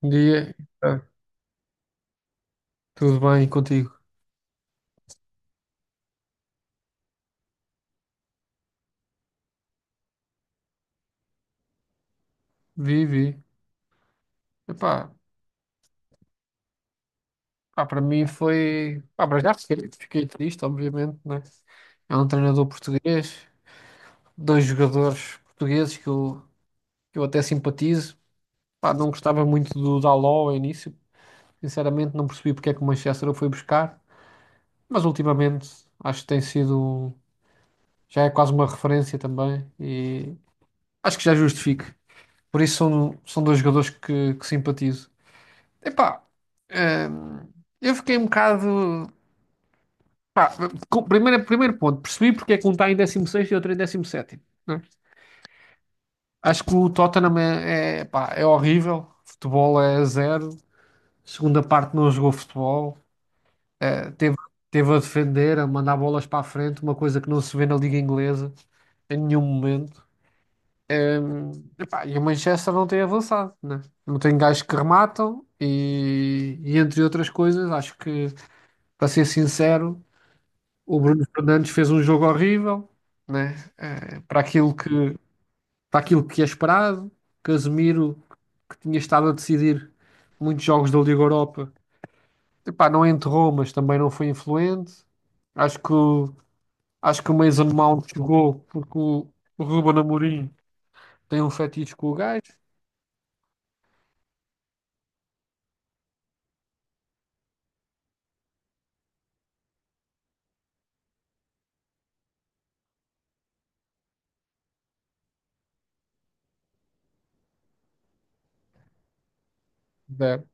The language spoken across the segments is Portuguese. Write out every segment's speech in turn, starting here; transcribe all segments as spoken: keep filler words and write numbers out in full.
Bom dia. Ah, Tudo bem contigo? Vivi. Epá, pá, para mim foi. Pá, para já fiquei, fiquei triste, obviamente, né? É um treinador português, dois jogadores portugueses que eu, que eu até simpatizo. Pá, não gostava muito do Daló ao início, sinceramente, não percebi porque é que o Manchester o foi buscar, mas ultimamente acho que tem sido. um- Já é quase uma referência também e acho que já justifico. Por isso são, são dois jogadores que, que simpatizo. Epá, hum, eu fiquei um bocado. Pá, com- primeiro, primeiro ponto, percebi porque é que um está em dezesseis e outro em dezessete. Né? Acho que o Tottenham é, é, pá, é horrível. Futebol é zero. Segunda parte não jogou futebol. Eh, teve, teve a defender, a mandar bolas para a frente, uma coisa que não se vê na Liga Inglesa em nenhum momento. Hum, Epá, e o Manchester não tem avançado, né? Não tem gajos que rematam e, e entre outras coisas, acho que, para ser sincero. O Bruno Fernandes fez um jogo horrível, né? Eh, para aquilo que, para aquilo que é esperado. Casemiro, que tinha estado a decidir muitos jogos da Liga Europa, epá, não enterrou, mas também não foi influente. Acho que, o- acho que o Mason Mount jogou porque o, o Ruben Amorim tem um fetiche com o gajo. Zero.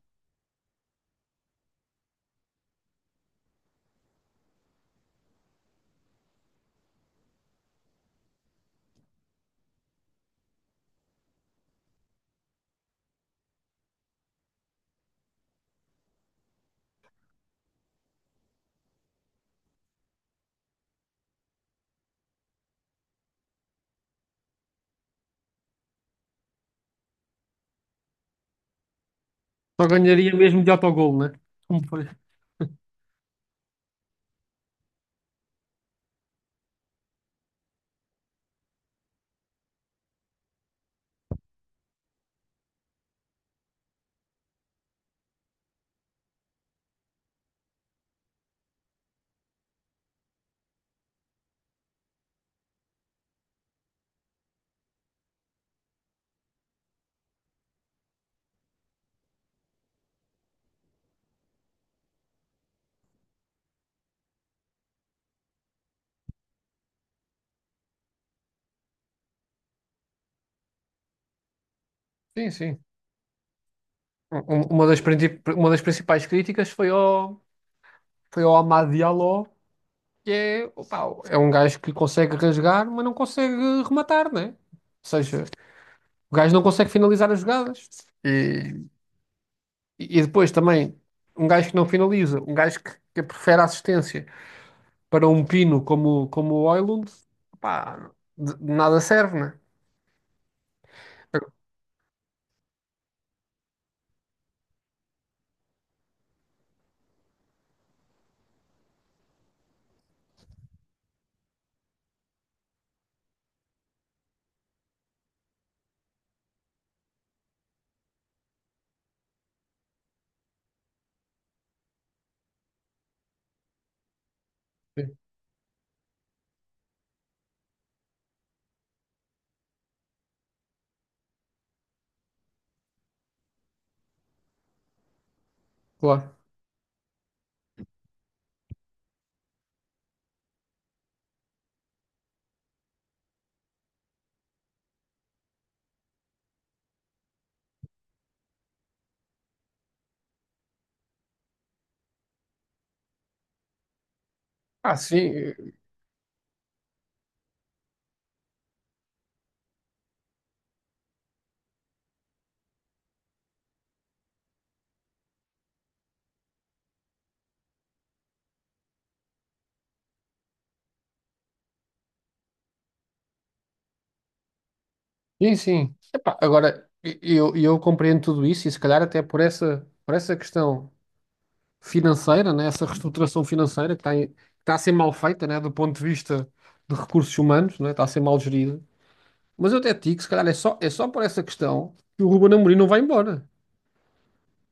Só ganharia mesmo de autogol, né? Como foi? Sim, sim. Um- um- Uma das, princip- uma das principais críticas foi ao, foi ao Amad Diallo que é, opá, é um gajo que consegue rasgar, mas não consegue rematar, né? Ou seja, o gajo não consegue finalizar as jogadas. E, e depois também, um gajo que não finaliza, um gajo que, que prefere a assistência para um pino como, como o Højlund, opá, de, de nada serve, né? Sim. Claro. Ah, sim, sim, sim. Epá, agora, e- eu, eu compreendo tudo isso e se calhar até por essa, por essa questão financeira, né? Essa reestruturação financeira que está, em- que está a ser mal feita, né? Do ponto de vista de recursos humanos, né? Está a ser mal gerida. Mas eu até te digo, se calhar é só, é só por essa questão que o Ruben Amorim não vai embora.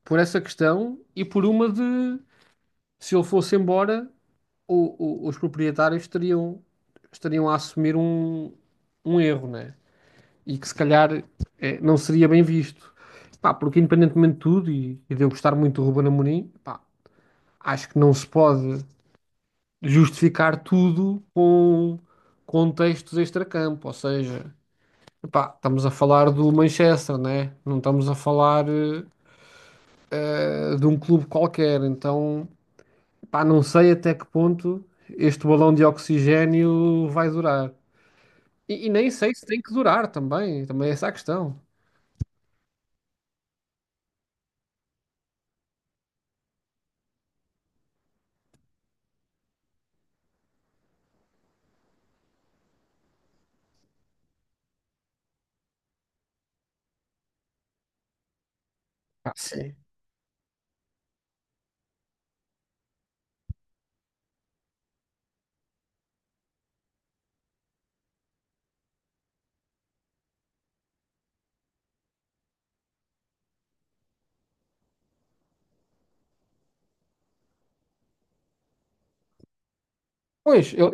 Por essa questão e por uma de se ele fosse embora, o- o- os proprietários estariam, estariam a assumir um, um erro, né? E que se calhar eh, não seria bem visto. Pá, porque independentemente de tudo, e, e de eu gostar muito do Ruben Amorim, pá, acho que não se pode justificar tudo com contextos extracampo, ou seja, epá, estamos a falar do Manchester, né? Não estamos a falar eh, de um clube qualquer, então epá, não sei até que ponto este balão de oxigênio vai durar. E, e nem sei se tem que durar também, também essa é essa a questão. Ah, sim. Pois, eu,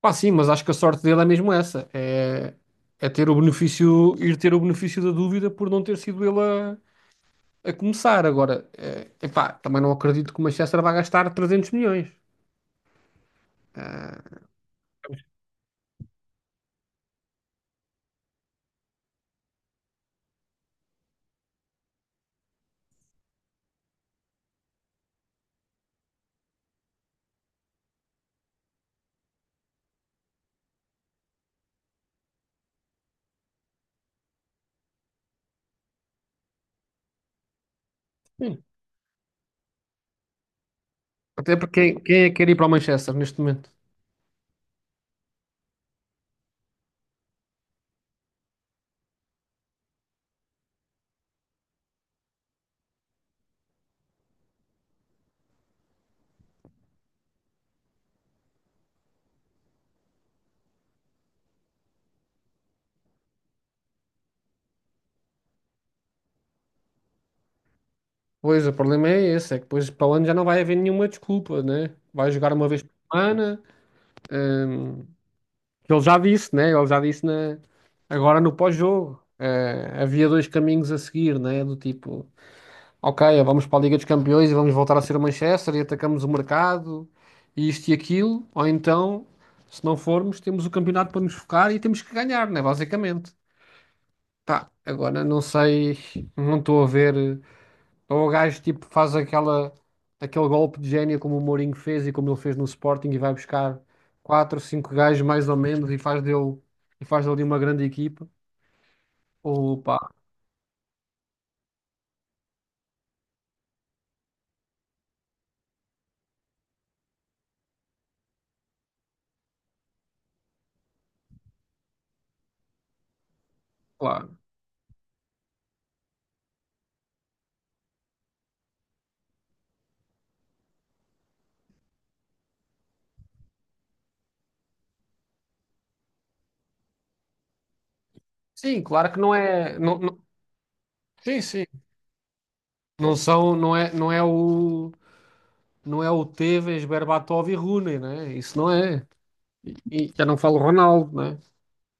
pá, sim, mas acho que a sorte dele é mesmo essa, é, é ter o benefício, ir ter o benefício da dúvida por não ter sido ele a, a começar. Agora, eh, epá, também não acredito que o Manchester vá gastar trezentos milhões. Sim. Até porque quem, quem é que quer ir para o Manchester neste momento? Pois, o problema é esse, é que depois para o ano já não vai haver nenhuma desculpa, né? Vai jogar uma vez por semana, que ele já disse, né? Ele já disse na... agora no pós-jogo. Eh, havia dois caminhos a seguir, né? Do tipo, ok, vamos para a Liga dos Campeões e vamos voltar a ser o Manchester e atacamos o mercado e isto e aquilo, ou então, se não formos, temos o campeonato para nos focar e temos que ganhar, né? Basicamente. Pá, agora não sei, não estou a ver. eh, Ou o gajo tipo faz aquela, aquele golpe de gênio como o Mourinho fez e como ele fez no Sporting e vai buscar quatro, cinco gajos mais ou menos e faz dele, e faz dele uma grande equipa. Ou pá, claro. Sim, claro que não é. não, não- Sim, sim. Não são, não é, não é o, não é o Tevez, Berbatov e Rooney, né? Isso não é. E, e já não falo Ronaldo, né?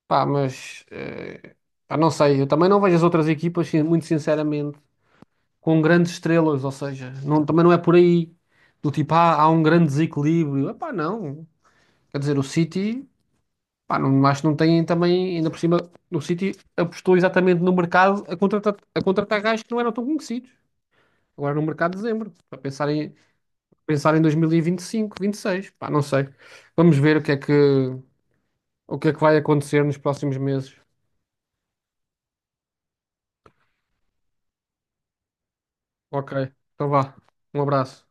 Pá, mas eh, pá, não sei, eu também não vejo as outras equipas, sin- muito sinceramente, com grandes estrelas, ou seja, não- também não é por aí. Do tipo, ah, há um grande desequilíbrio. Epá, não. Quer dizer, o City, pá, não, acho que não tem também, ainda por cima, o City apostou exatamente no mercado a contratar, a contratar gajos que não eram tão conhecidos. Agora no mercado de dezembro, para pensar em, pensar em dois mil e vinte e cinco, vinte e seis, pá, não sei. Vamos ver o que é que, o que é que vai acontecer nos próximos meses. Ok, então vá. Um abraço.